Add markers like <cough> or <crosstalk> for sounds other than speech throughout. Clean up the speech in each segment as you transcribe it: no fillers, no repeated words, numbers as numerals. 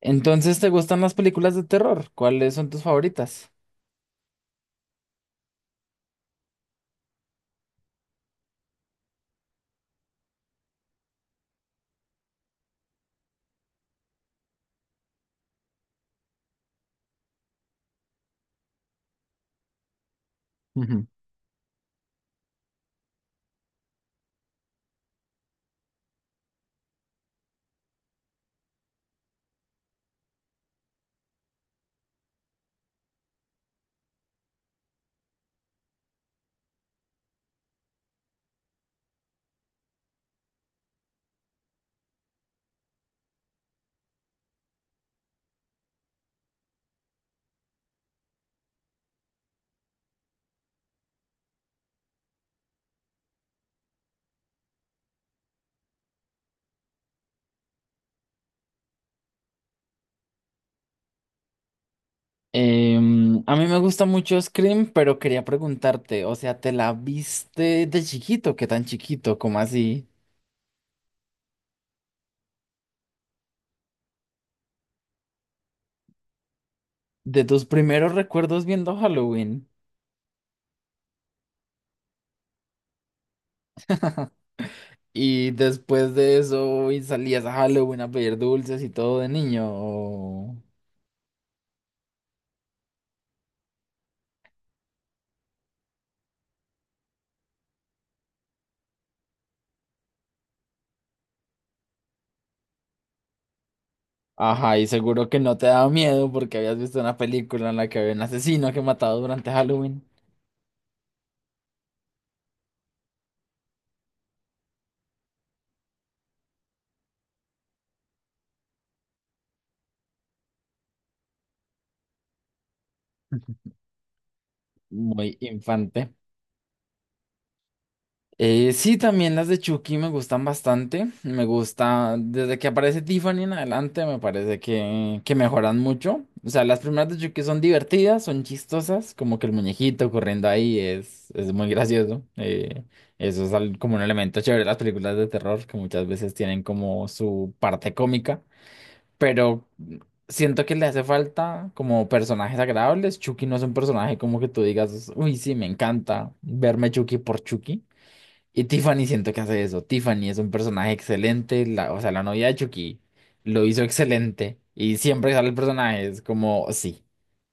Entonces, ¿te gustan las películas de terror? ¿Cuáles son tus favoritas? Ujú. A mí me gusta mucho Scream, pero quería preguntarte, o sea, ¿te la viste de chiquito? ¿Qué tan chiquito? ¿Cómo así? De tus primeros recuerdos viendo Halloween. Y después de eso, ¿y salías a Halloween a pedir dulces y todo de niño? Ajá, y seguro que no te daba miedo porque habías visto una película en la que había un asesino que mataba durante Halloween. Ujú. Muy infante. Sí, también las de Chucky me gustan bastante. Me gusta, desde que aparece Tiffany en adelante, me parece que mejoran mucho. O sea, las primeras de Chucky son divertidas, son chistosas, como que el muñequito corriendo ahí es muy gracioso. Eso es como un elemento chévere de las películas de terror, que muchas veces tienen como su parte cómica, pero siento que le hace falta como personajes agradables. Chucky no es un personaje como que tú digas, uy, sí, me encanta verme Chucky por Chucky. Y Tiffany siento que hace eso. Tiffany es un personaje excelente, la, o sea, la novia de Chucky lo hizo excelente y siempre que sale el personaje es como, sí,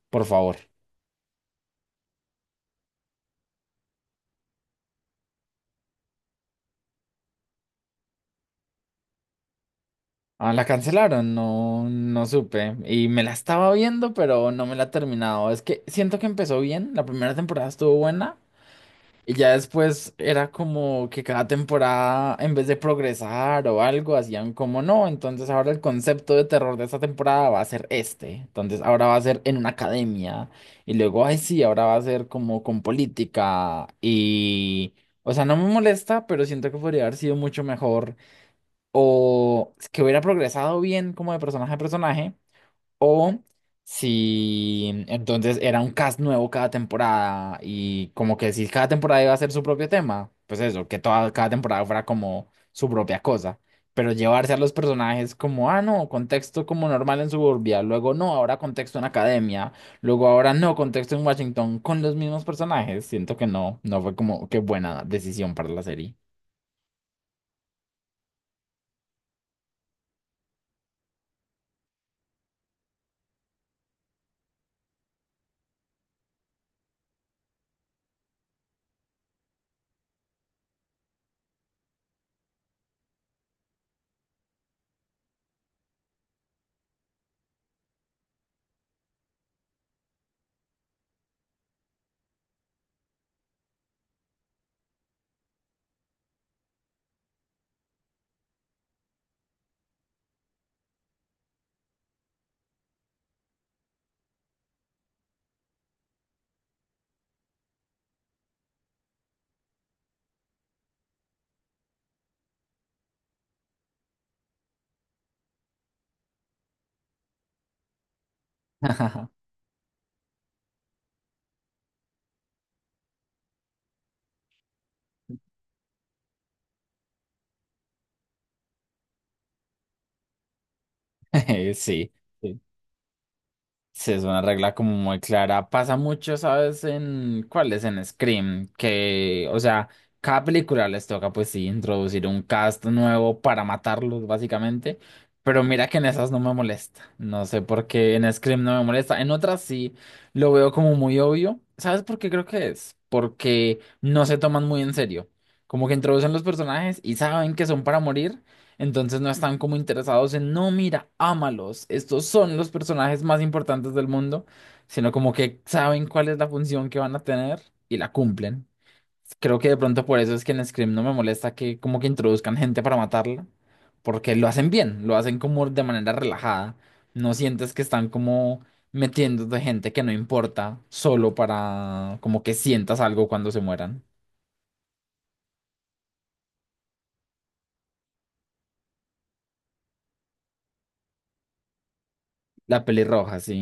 por favor. Ah, la cancelaron, no, no supe. Y me la estaba viendo, pero no me la he terminado. Es que siento que empezó bien, la primera temporada estuvo buena. Y ya después era como que cada temporada, en vez de progresar o algo, hacían como no. Entonces ahora el concepto de terror de esta temporada va a ser este. Entonces ahora va a ser en una academia. Y luego, ay, sí, ahora va a ser como con política. Y, o sea, no me molesta, pero siento que podría haber sido mucho mejor. O que hubiera progresado bien como de personaje a personaje. O si entonces era un cast nuevo cada temporada y como que si cada temporada iba a ser su propio tema, pues eso, que toda, cada temporada fuera como su propia cosa. Pero llevarse a los personajes como, ah, no, contexto como normal en suburbia, luego no, ahora contexto en academia, luego ahora no, contexto en Washington con los mismos personajes. Siento que no, no fue como qué buena decisión para la serie. <laughs> Sí. Sí, es una regla como muy clara. Pasa mucho, ¿sabes? En cuáles en Scream, que, o sea, cada película les toca, pues sí, introducir un cast nuevo para matarlos, básicamente. Pero mira que en esas no me molesta. No sé por qué en Scream no me molesta. En otras sí lo veo como muy obvio. ¿Sabes por qué creo que es? Porque no se toman muy en serio. Como que introducen los personajes y saben que son para morir. Entonces no están como interesados en, no, mira, ámalos, estos son los personajes más importantes del mundo, sino como que saben cuál es la función que van a tener y la cumplen. Creo que de pronto por eso es que en Scream no me molesta que como que introduzcan gente para matarla, porque lo hacen bien, lo hacen como de manera relajada. No sientes que están como metiéndote gente que no importa, solo para como que sientas algo cuando se mueran. La pelirroja, sí.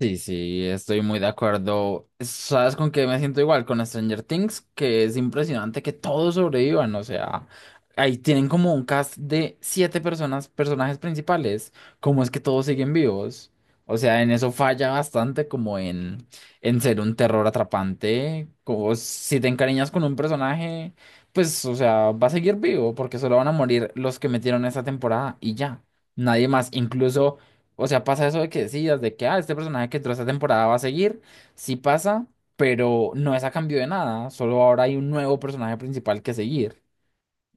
Sí, sí, estoy muy de acuerdo. ¿Sabes con qué me siento igual? Con Stranger Things, que es impresionante que todos sobrevivan. O sea, ahí tienen como un cast de siete personas, personajes principales. ¿Cómo es que todos siguen vivos? O sea, en eso falla bastante como en ser un terror atrapante. Como si te encariñas con un personaje, pues, o sea, va a seguir vivo porque solo van a morir los que metieron esta temporada y ya. Nadie más, incluso. O sea, pasa eso de que decidas de que, ah, este personaje que entró esta temporada va a seguir. Sí pasa, pero no es a cambio de nada. Solo ahora hay un nuevo personaje principal que seguir.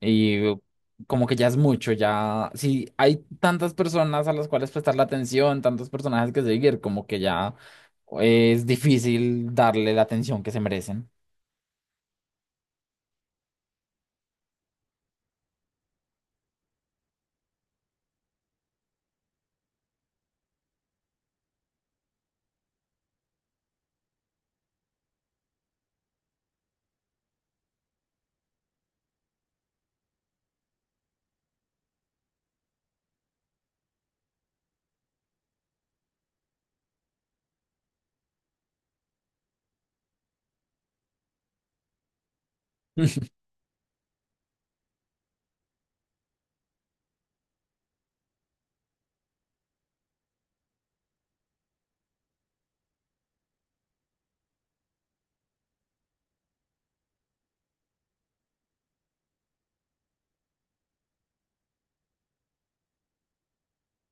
Y como que ya es mucho, ya. Si hay tantas personas a las cuales prestar la atención, tantos personajes que seguir, como que ya es difícil darle la atención que se merecen. <laughs>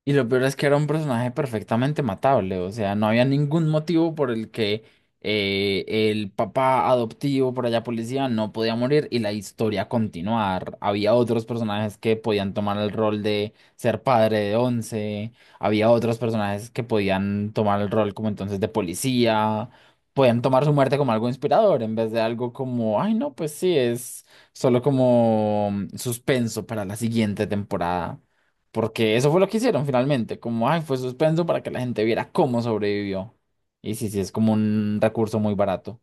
Y lo peor es que era un personaje perfectamente matable, o sea, no había ningún motivo por el que eh, el papá adoptivo por allá policía no podía morir y la historia continuar. Había otros personajes que podían tomar el rol de ser padre de once, había otros personajes que podían tomar el rol como entonces de policía, podían tomar su muerte como algo inspirador en vez de algo como, ay no, pues sí, es solo como suspenso para la siguiente temporada. Porque eso fue lo que hicieron finalmente, como, ay, fue suspenso para que la gente viera cómo sobrevivió. Y sí, sí, es como un recurso muy barato.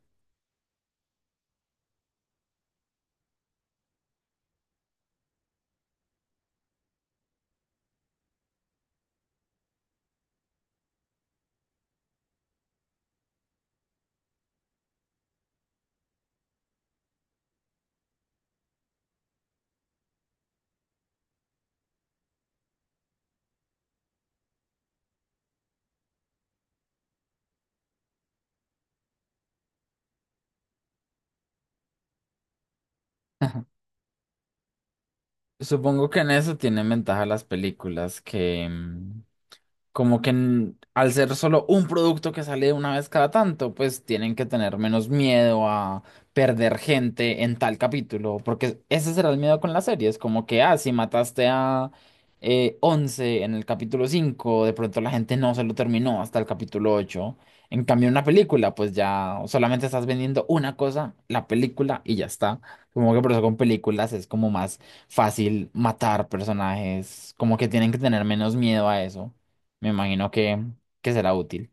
<laughs> Supongo que en eso tienen ventaja las películas que, como que al ser solo un producto que sale una vez cada tanto, pues tienen que tener menos miedo a perder gente en tal capítulo, porque ese será el miedo con las series, como que, ah, si mataste a 11 en el capítulo 5, de pronto la gente no se lo terminó hasta el capítulo 8. En cambio, en una película, pues ya solamente estás vendiendo una cosa, la película, y ya está. Como que por eso con películas es como más fácil matar personajes, como que tienen que tener menos miedo a eso. Me imagino que será útil.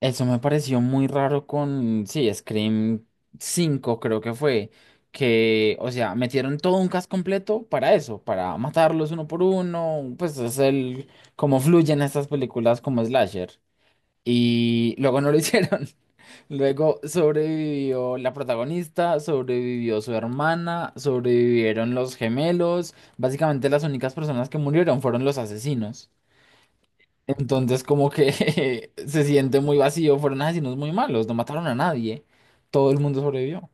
Eso me pareció muy raro con, sí, Scream 5 creo que fue, que, o sea, metieron todo un cast completo para eso, para matarlos uno por uno, pues es el, cómo fluyen estas películas como slasher. Y luego no lo <laughs> hicieron. Luego sobrevivió la protagonista, sobrevivió su hermana, sobrevivieron los gemelos. Básicamente las únicas personas que murieron fueron los asesinos. Entonces como que <laughs> se siente muy vacío, fueron asesinos muy malos, no mataron a nadie, todo el mundo sobrevivió.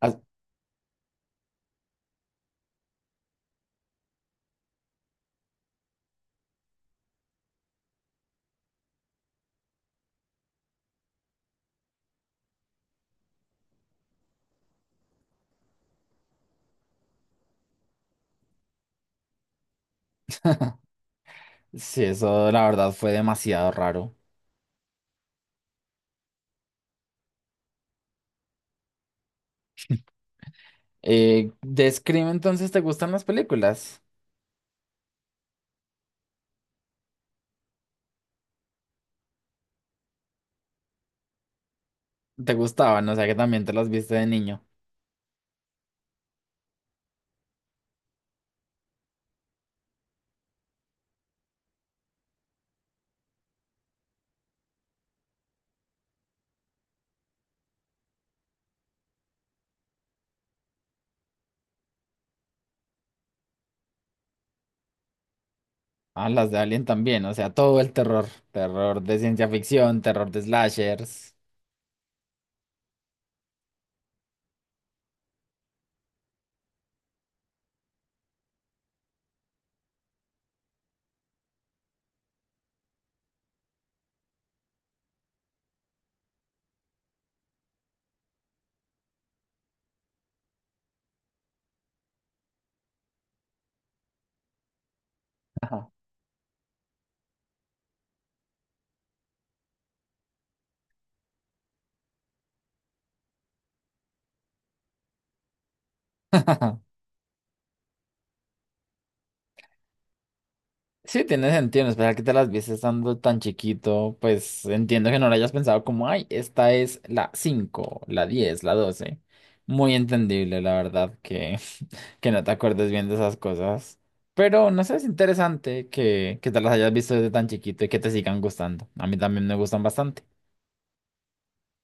As- sí, eso la verdad fue demasiado raro. De Scream entonces, ¿te gustan las películas? ¿Te gustaban? O sea que también te las viste de niño. Ah, las de Alien también, o sea, todo el terror, terror de ciencia ficción, terror de slashers. Ajá. <laughs> Sí, tiene sentido, en especial que te las viste estando tan chiquito, pues entiendo que no lo hayas pensado como, ay, esta es la 5, la 10, la 12. Muy entendible, la verdad, que, <laughs> que no te acuerdes bien de esas cosas. Pero no sé, es interesante que te las hayas visto desde tan chiquito y que te sigan gustando. A mí también me gustan bastante.